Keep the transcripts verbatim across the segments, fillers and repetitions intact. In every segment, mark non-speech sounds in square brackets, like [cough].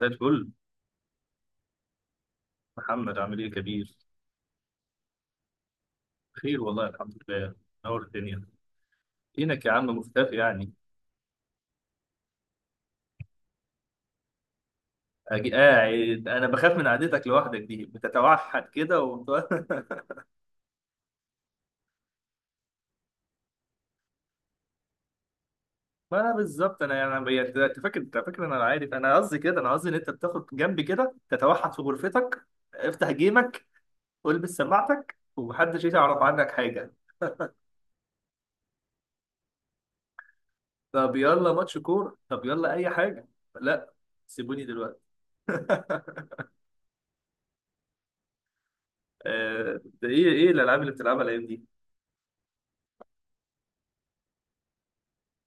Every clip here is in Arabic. زي الفل. محمد، عامل ايه يا كبير؟ خير والله، الحمد لله. نور الدنيا. فينك يا عم؟ مختفي يعني. أجي قاعد، انا بخاف من قعدتك لوحدك دي، بتتوحد كده و... [laughs] ما انا بالظبط، انا يعني بقيت- انت فاكر انت فاكر انا عارف. انا قصدي كده انا قصدي ان انت بتاخد جنبي كده، تتوحد في غرفتك. افتح جيمك، والبس سماعتك، ومحدش يعرف عنك حاجه. طب يلا ماتش كوره، طب يلا اي حاجه. لا، سيبوني دلوقتي. [laughs] آه، ده ايه ايه الالعاب اللي بتلعبها الايام دي؟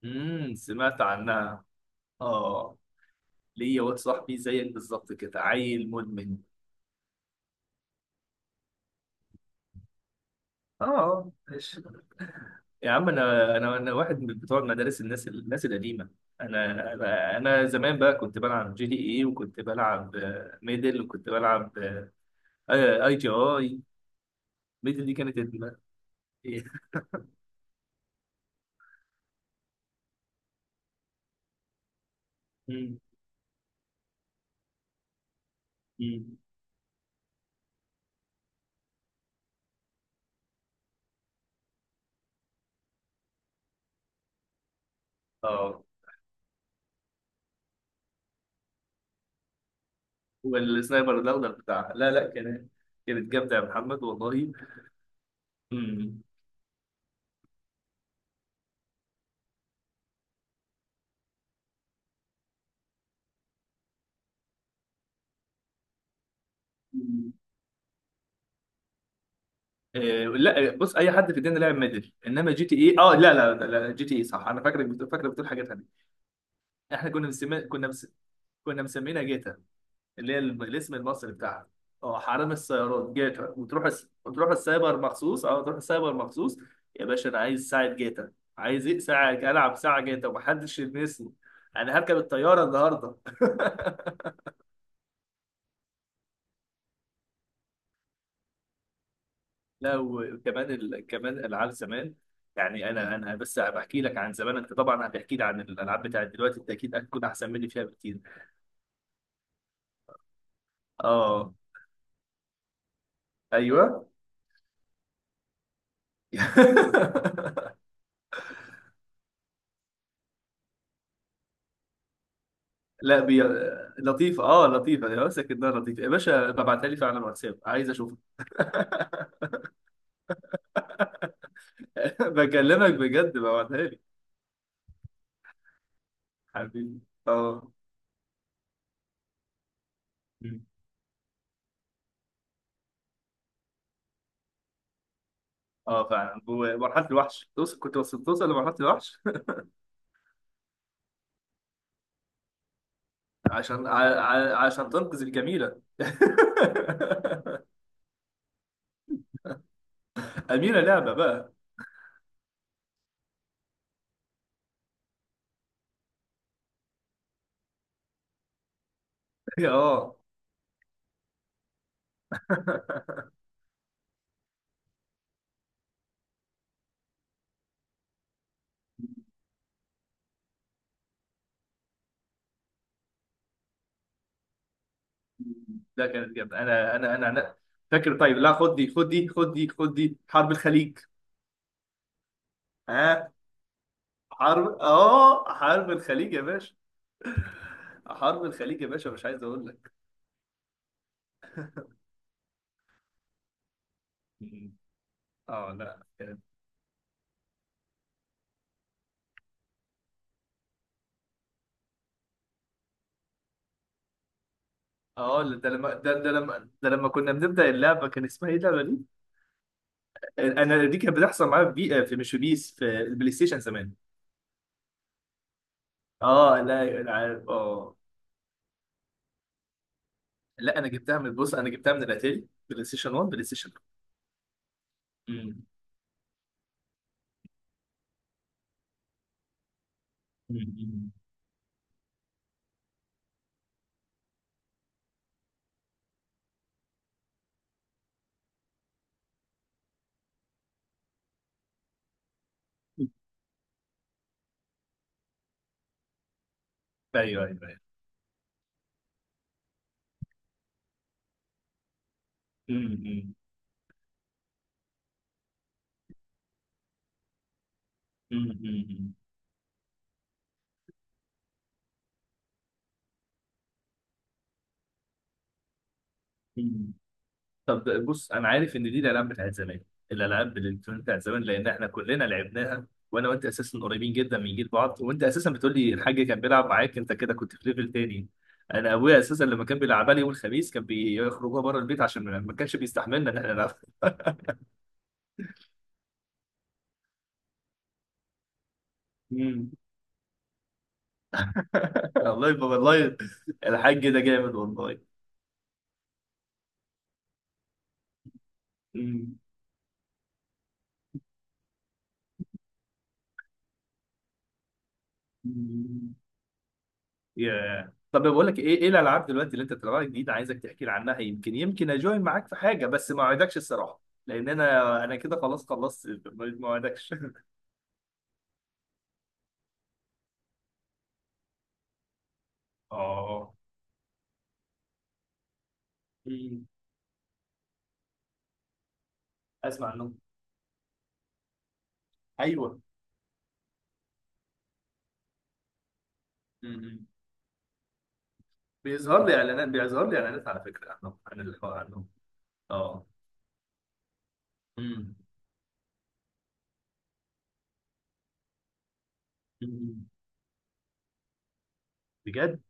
امم سمعت عنها. اه، ليا واد صاحبي زيك بالظبط كده، عيل مدمن. اه، آه، ماشي. يا عم، انا انا انا واحد من بتوع مدارس الناس الناس القديمه. انا انا انا زمان بقى كنت بلعب جي دي اي، وكنت بلعب آه، ميدل، وكنت بلعب آه، اي جي اي. ميدل دي كانت ال- [laughs] أمم، أمم. اه، والسنايبر الاخضر بتاعها، لا لا، كانت كانت جامده يا محمد والله. أمم. آه، لا، بص، اي حد في الدنيا لعب ميدل انما جي تي اي. اه لا لا لا، لا، جي تي اي صح. انا فاكرك بت- فاكرك بتقول حاجه ثانيه. احنا كنا مسمي... كنا مس... كنا مسمينها جيتا. اللي هي الم- الاسم المصري بتاعها. اه، حرامي السيارات جيتا، وتروح الس... وتروح السايبر مخصوص، اه تروح السايبر مخصوص. يا باشا، انا عايز ساعه جيتا. عايز ايه؟ ساعه العب ساعه جيتا ومحدش يلمسني. انا هركب الطياره النهارده. [laughs] لا، وكمان ال... كمان العاب زمان. يعني انا انا بس بحكي لك عن زمان. انت طبعا هتحكي لي عن الالعاب بتاعت دلوقتي، انت اكيد هتكون احسن مني فيها بكتير. اه، ايوه. [laughs] لا، بي... لطيفه اه لطيفه يا ماسك انها لطيفه، يا باشا ببعتها لي فعلا على الواتساب، عايز اشوفها. [laughs] بكلمك بجد، ببعتها لي. حبيبي. اه. اه فعلا، ومرحله الوحش توصل، كنت وصلت توصل لمرحله الوحش. [laughs] عشان ع... ع... عشان تنقذ الجميله. [laughs] أميرة لعبة بقى. [laughs] اه، ده كانت جامدة. انا انا انا أنا- فاكر؟ طيب لا، خد دي خد دي خد دي خد دي، حرب الخليج. ها. حرب اه حرب الخليج يا باشا. حرب الخليج يا باشا، مش عايز اقول لك. [laughs] مم. اه لا، كانت- اه لا، ده لما ده, ده لما ده لما كنا بنبدأ اللعبة كان اسمها ايه اللعبة دي؟ انا دي كانت بتحصل معايا في بي... في، مش في بيس، في البلاي ستيشن زمان. اه، لا لا، اه. لا، انا جبتها من، بص، انا جبتها من الاتاري بلاي ستيشن واحد، بلاي ستيشن اتنين. مم. ايوه، ايوه، ايوه. مم. مم. مم. مم. طب بص، انا عارف ان دي الالعاب بتاعت زمان، الالعاب الالكترونيه بتاعت زمان، لان احنا كلنا لعبناها. وانا وانت اساسا قريبين جدا من جيل بعض، وانت اساسا بتقول لي الحاج كان بيلعب معاك، انت كده كنت في ليفل تاني. انا ابويا اساسا لما كان بيلعبها لي يوم الخميس كان بيخرجوها بره البيت، عشان ما كانش بيستحملنا ان احنا نلعب. مم. [laughs] الله، يبقى والله الحاج ده جامد والله. مم. ياه. طب بقول لك ايه ايه الالعاب دلوقتي اللي انت بتلعبها جديد، عايزك تحكي لي عنها، يمكن يمكن اجوين معاك في حاجه، بس ما اوعدكش الصراحه. لان انا انا كده خلاص خلصت، ما اوعدكش. [laughs] اه. مم. اسمع عنهم. ايوه. مم. بيظهر لي اعلانات بيظهر لي اعلانات على فكره عنهم، عن الحوار عنهم. اه. مم. مم. بجد؟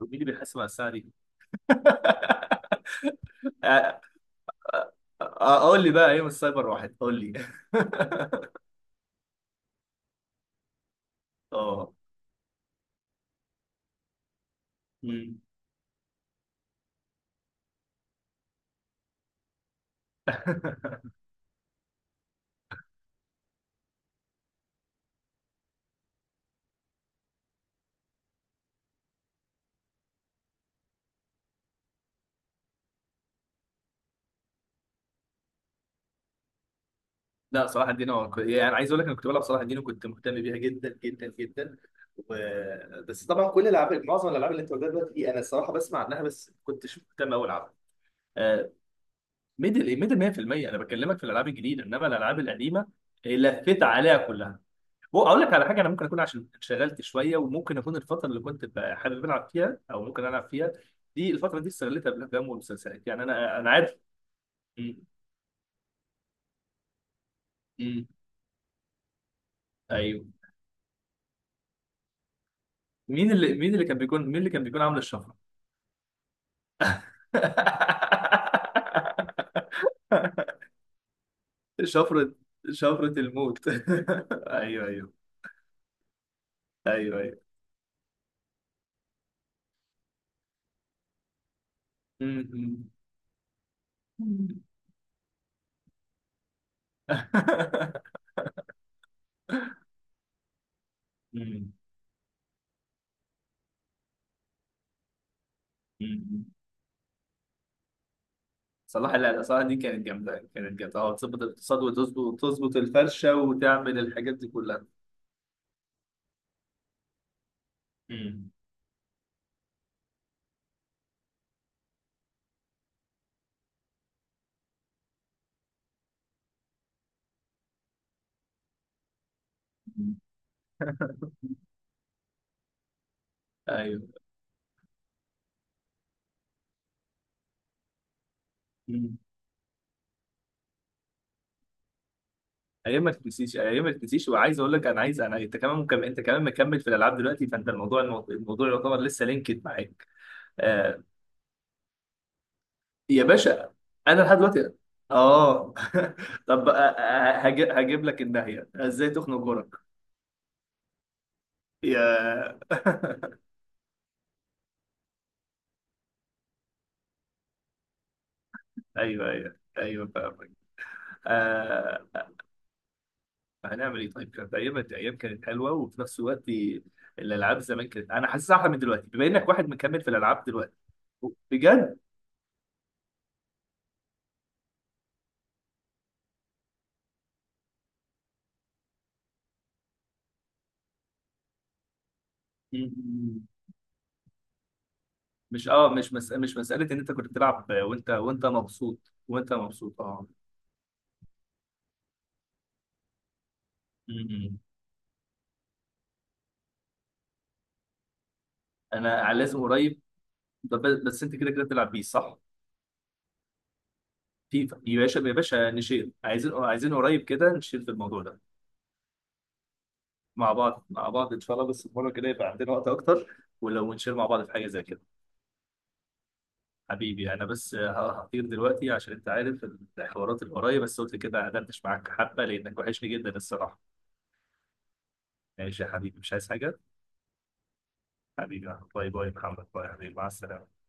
طب مين اللي بيحاسب على الساعه دي؟ [laughs] اقول لي بقى ايه من السايبر واحد، قول لي. [laughs] اه. مم. [laughs] لا، صلاح الدين هو كو- يعني عايز اقول لك انا كنت بلعب صلاح الدين، وكنت مهتم بيها جدا جدا جدا و... بس طبعا كل الالعاب معظم الالعاب اللي انت قلتها دلوقتي دي، انا الصراحه بسمع عنها بس ما كنتش مهتم قوي العبها. آه، ميدل ايه ميدل مية في المية. انا بكلمك في الالعاب الجديده، انما الالعاب القديمه آه، لفيت عليها كلها. بو- اقول لك على حاجه، انا ممكن اكون عشان انشغلت شويه، وممكن اكون الفتره اللي كنت ب- حابب العب فيها او ممكن العب فيها، دي الفتره دي استغلتها بالافلام والمسلسلات، يعني انا انا عارف. م- م- ايوه. مين اللي مين اللي كان بيكون مين اللي كان بيكون عامل الشفره؟ [laughs] شفرة شفرة الموت. [laughs] ايوه، ايوه، ايوه، ايوه. م- م. [laughs] م- م. صلاح، لا لا، صلاح دي كانت جامدة، كانت جامدة. اه، تظبط الاقتصاد، وتظبط وتظبط الفرشة، وتعمل الحاجات دي كلها. م- م. [laughs] ايوه. مم. ايام ما تنسيش، ايام ما تنسيش. وعايز اقول لك، انا عايز انا انت كمان مكمل، انت كمان مكمل في الالعاب دلوقتي. فانت الموضوع الموضوع يعتبر لسه لينكد معاك. آه، يا باشا، انا لحد دلوقتي. اه. [laughs] طب هجيب, هجيب لك الناحية ازاي تخنق جارك. يا. [laughs] ايوه، ايوه، ايوه، فاهمك. آه... هنعمل ايه طيب. كانت ايام الايام كانت حلوه، وفي نفس الوقت الالعاب زمان، كانت انا حاسسها احلى من دلوقتي، بما انك واحد مكمل في الالعاب دلوقتي. بجد. م- مش اه مش مس... مش مساله ان انت كنت بتلعب، وانت وانت مبسوط، وانت مبسوط، اه. م- م. انا لازم قريب. طب بس انت كده كده بتلعب بيه، صح؟ في، يا باشا يا باشا، نشيل. عايزين، عايزين قريب كده، نشيل في الموضوع ده. مع بعض، مع بعض ان شاء الله، بس المره كده يبقى عندنا وقت اكتر. ولو نشيل مع بعض في حاجه زي كده. حبيبي، انا بس ه- هطير دلوقتي عشان انت عارف، الحوارات اللي ورايا، بس قلت كده قعدتش معاك حبه لانك وحشني جدا الصراحه. ماشي يا حبيبي، مش عايز حاجه. حبيبي. باي باي يا محمد، باي يا حبيبي، مع السلامه.